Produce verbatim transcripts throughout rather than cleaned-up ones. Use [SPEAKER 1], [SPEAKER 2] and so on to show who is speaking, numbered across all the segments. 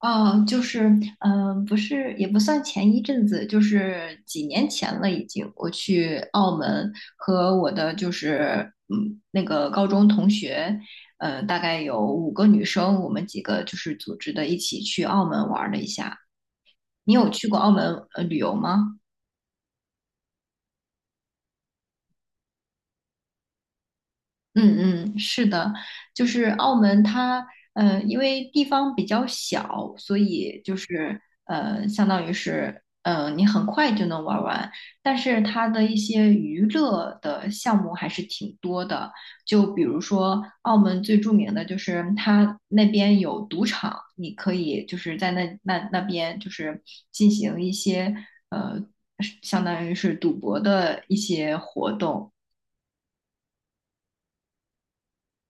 [SPEAKER 1] 哦，就是，嗯、不是，也不算前一阵子，就是几年前了，已经。我去澳门和我的就是，嗯，那个高中同学，嗯，大概有五个女生，我们几个就是组织的一起去澳门玩了一下。你有去过澳门呃旅游吗？嗯嗯，是的，就是澳门它，呃，因为地方比较小，所以就是呃，相当于是，呃，你很快就能玩完。但是它的一些娱乐的项目还是挺多的，就比如说澳门最著名的就是它那边有赌场，你可以就是在那那那边就是进行一些呃，相当于是赌博的一些活动。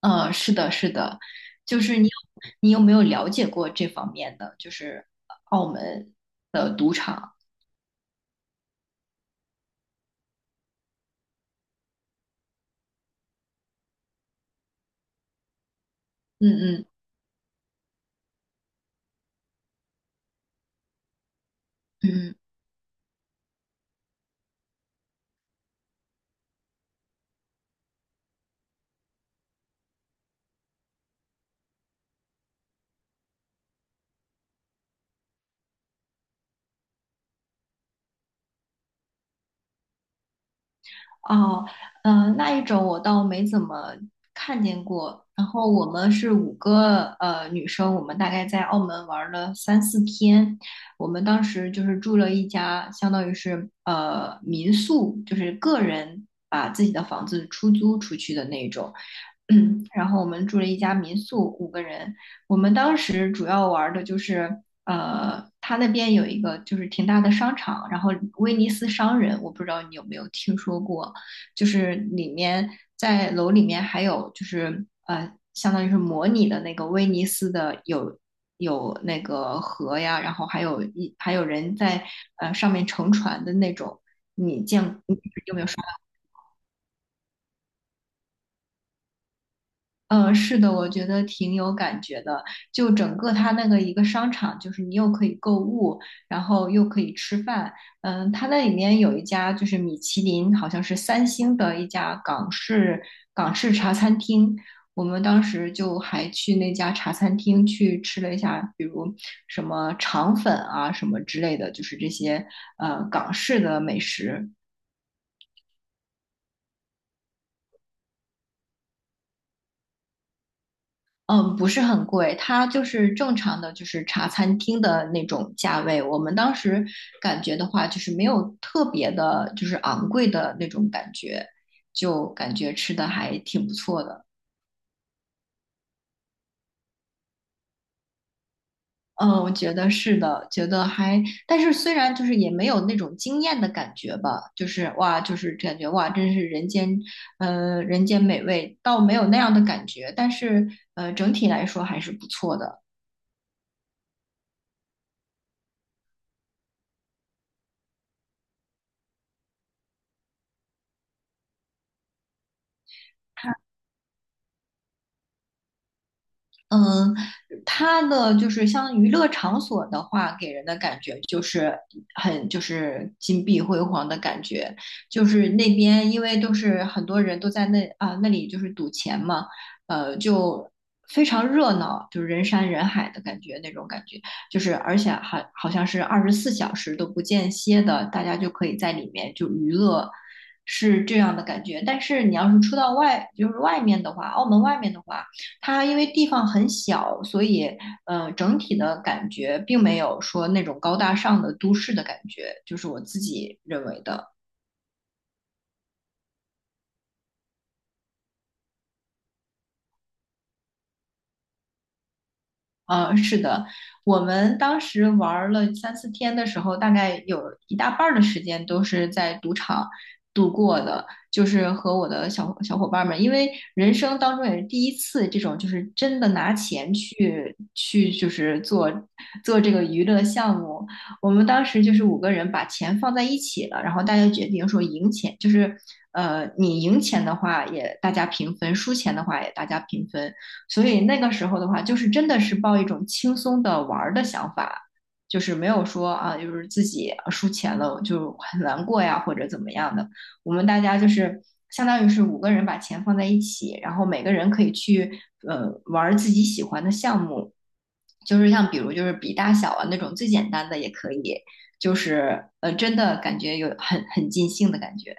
[SPEAKER 1] 呃，是的，是的，就是你有，你有没有了解过这方面的，就是呃澳门的赌场？嗯嗯嗯，哦，呃，那一种我倒没怎么看见过。然后我们是五个呃女生，我们大概在澳门玩了三四天。我们当时就是住了一家，相当于是呃民宿，就是个人把自己的房子出租出去的那种。嗯，然后我们住了一家民宿，五个人。我们当时主要玩的就是，呃，他那边有一个就是挺大的商场，然后威尼斯商人，我不知道你有没有听说过，就是里面在楼里面还有就是呃，相当于是模拟的那个威尼斯的有有那个河呀，然后还有一还有人在呃上面乘船的那种，你见你有没有？刷？呃，是的，我觉得挺有感觉的。就整个它那个一个商场，就是你又可以购物，然后又可以吃饭。嗯，它那里面有一家就是米其林，好像是三星的一家港式港式茶餐厅。我们当时就还去那家茶餐厅去吃了一下，比如什么肠粉啊什么之类的，就是这些呃港式的美食。嗯，不是很贵，它就是正常的，就是茶餐厅的那种价位。我们当时感觉的话，就是没有特别的，就是昂贵的那种感觉，就感觉吃的还挺不错的。嗯，我觉得是的，觉得还，但是虽然就是也没有那种惊艳的感觉吧，就是哇，就是感觉哇，真是人间，呃，人间美味，倒没有那样的感觉，但是呃，整体来说还是不错的。嗯，它的就是像娱乐场所的话，给人的感觉就是很就是金碧辉煌的感觉，就是那边因为都是很多人都在那啊那里就是赌钱嘛，呃就非常热闹，就是人山人海的感觉那种感觉，就是而且还好像是二十四小时都不间歇的，大家就可以在里面就娱乐。是这样的感觉，但是你要是出到外，就是外面的话，澳门外面的话。它因为地方很小，所以呃，整体的感觉并没有说那种高大上的都市的感觉，就是我自己认为的。呃，是的，我们当时玩儿了三四天的时候，大概有一大半儿的时间都是在赌场度过的，就是和我的小小伙伴们，因为人生当中也是第一次这种，就是真的拿钱去去就是做做这个娱乐项目。我们当时就是五个人把钱放在一起了，然后大家决定说赢钱，就是呃，你赢钱的话也大家平分，输钱的话也大家平分。所以那个时候的话，就是真的是抱一种轻松的玩儿的想法，就是没有说啊，就是自己啊输钱了就很难过呀，或者怎么样的。我们大家就是相当于是五个人把钱放在一起，然后每个人可以去呃玩儿自己喜欢的项目，就是像比如就是比大小啊那种最简单的也可以，就是呃真的感觉有很很尽兴的感觉。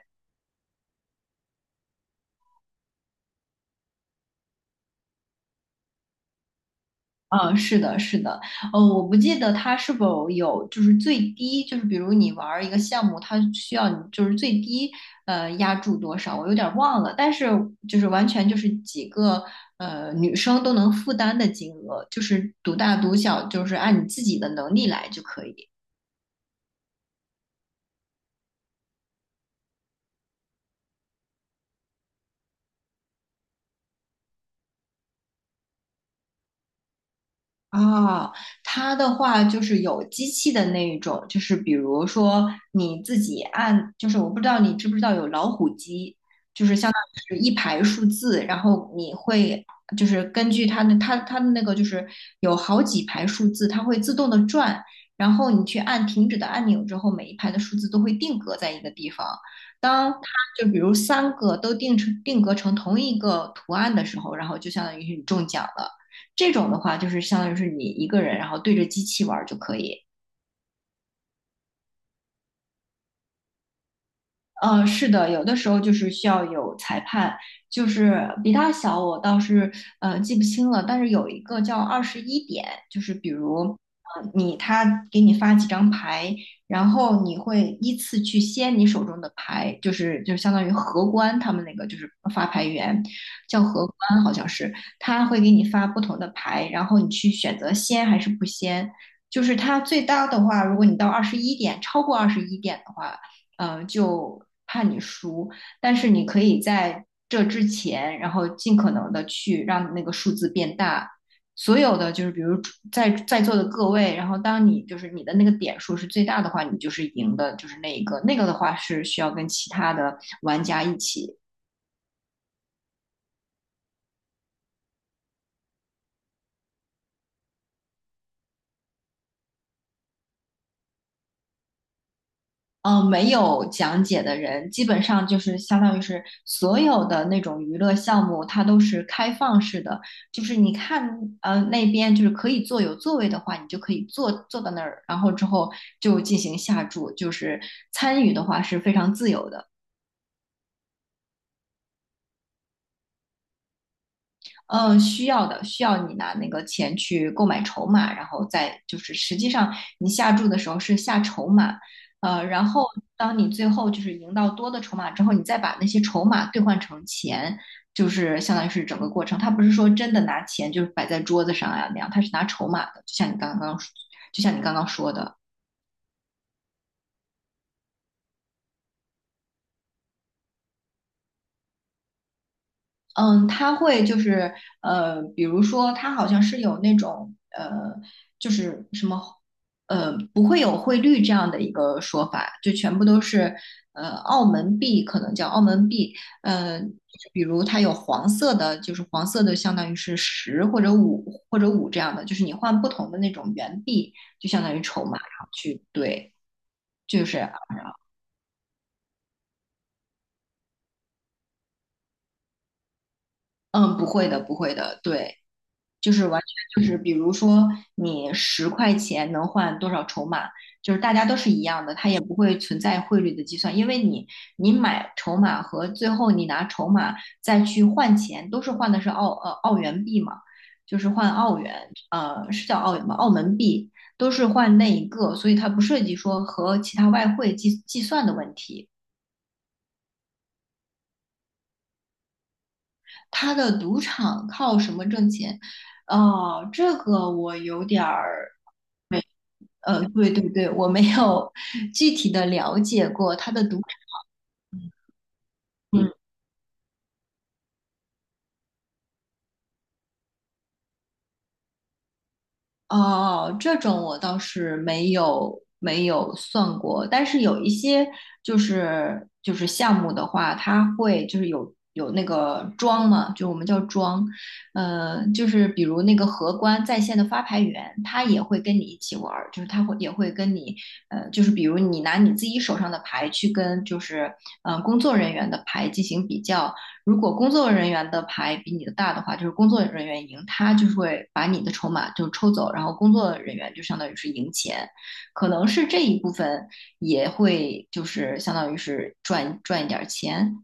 [SPEAKER 1] 嗯，是的，是的，呃，我不记得它是否有，就是最低，就是比如你玩儿一个项目，它需要你就是最低，呃，压注多少，我有点儿忘了，但是就是完全就是几个呃女生都能负担的金额，就是独大独小，就是按你自己的能力来就可以。啊，它的话就是有机器的那一种，就是比如说你自己按，就是我不知道你知不知道有老虎机，就是相当于是一排数字，然后你会就是根据它的它它的那个就是有好几排数字，它会自动的转，然后你去按停止的按钮之后，每一排的数字都会定格在一个地方。当它就比如三个都定成定格成同一个图案的时候，然后就相当于是你中奖了。这种的话，就是相当于是你一个人，然后对着机器玩就可以。呃，是的，有的时候就是需要有裁判，就是比他小，我倒是呃记不清了，但是有一个叫二十一点，就是比如呃你他给你发几张牌，然后你会依次去掀你手中的牌，就是就相当于荷官他们那个就是发牌员叫荷官好像是，他会给你发不同的牌，然后你去选择掀还是不掀。就是它最大的话，如果你到二十一点，超过二十一点的话。呃，就怕你输。但是你可以在这之前，然后尽可能的去让那个数字变大。所有的就是，比如在在座的各位，然后当你就是你的那个点数是最大的话，你就是赢的，就是那一个。那个的话是需要跟其他的玩家一起呃，没有讲解的人，基本上就是相当于是所有的那种娱乐项目，它都是开放式的，就是你看，呃，那边就是可以坐有座位的话，你就可以坐坐到那儿，然后之后就进行下注，就是参与的话是非常自由的。嗯，需要的，需要你拿那个钱去购买筹码，然后再就是实际上你下注的时候是下筹码，呃，然后当你最后就是赢到多的筹码之后，你再把那些筹码兑换成钱，就是相当于是整个过程。他不是说真的拿钱就是摆在桌子上啊那样，他是拿筹码的，就像你刚刚，就像你刚刚说的。嗯，他会就是呃，比如说他好像是有那种呃，就是什么呃，不会有汇率这样的一个说法，就全部都是呃澳门币，可能叫澳门币，呃，比如它有黄色的，就是黄色的相当于是十或者五或者五这样的，就是你换不同的那种元币，就相当于筹码，然后去兑，就是嗯，不会的，不会的，对。就是完全就是，比如说你十块钱能换多少筹码，就是大家都是一样的，它也不会存在汇率的计算，因为你你买筹码和最后你拿筹码再去换钱，都是换的是澳呃澳元币嘛，就是换澳元，呃是叫澳元吧，澳门币都是换那一个，所以它不涉及说和其他外汇计计算的问题。它的赌场靠什么挣钱？哦，这个我有点儿呃，对对对，我没有具体的了解过它的赌场。嗯，哦，这种我倒是没有没有算过，但是有一些就是就是项目的话，它会就是有有那个庄嘛，就我们叫庄，呃，就是比如那个荷官在线的发牌员，他也会跟你一起玩儿，就是他会也会跟你，呃，就是比如你拿你自己手上的牌去跟就是呃工作人员的牌进行比较。如果工作人员的牌比你的大的话，就是工作人员赢，他就会把你的筹码就抽走，然后工作人员就相当于是赢钱，可能是这一部分也会就是相当于是赚赚一点钱。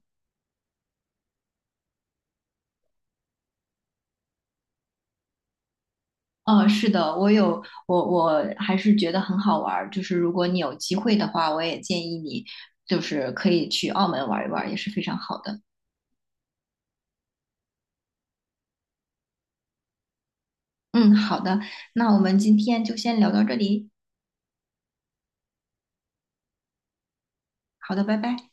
[SPEAKER 1] 哦，是的，我有我我还是觉得很好玩儿，就是如果你有机会的话，我也建议你就是可以去澳门玩一玩，也是非常好的。嗯，好的，那我们今天就先聊到这里。好的，拜拜。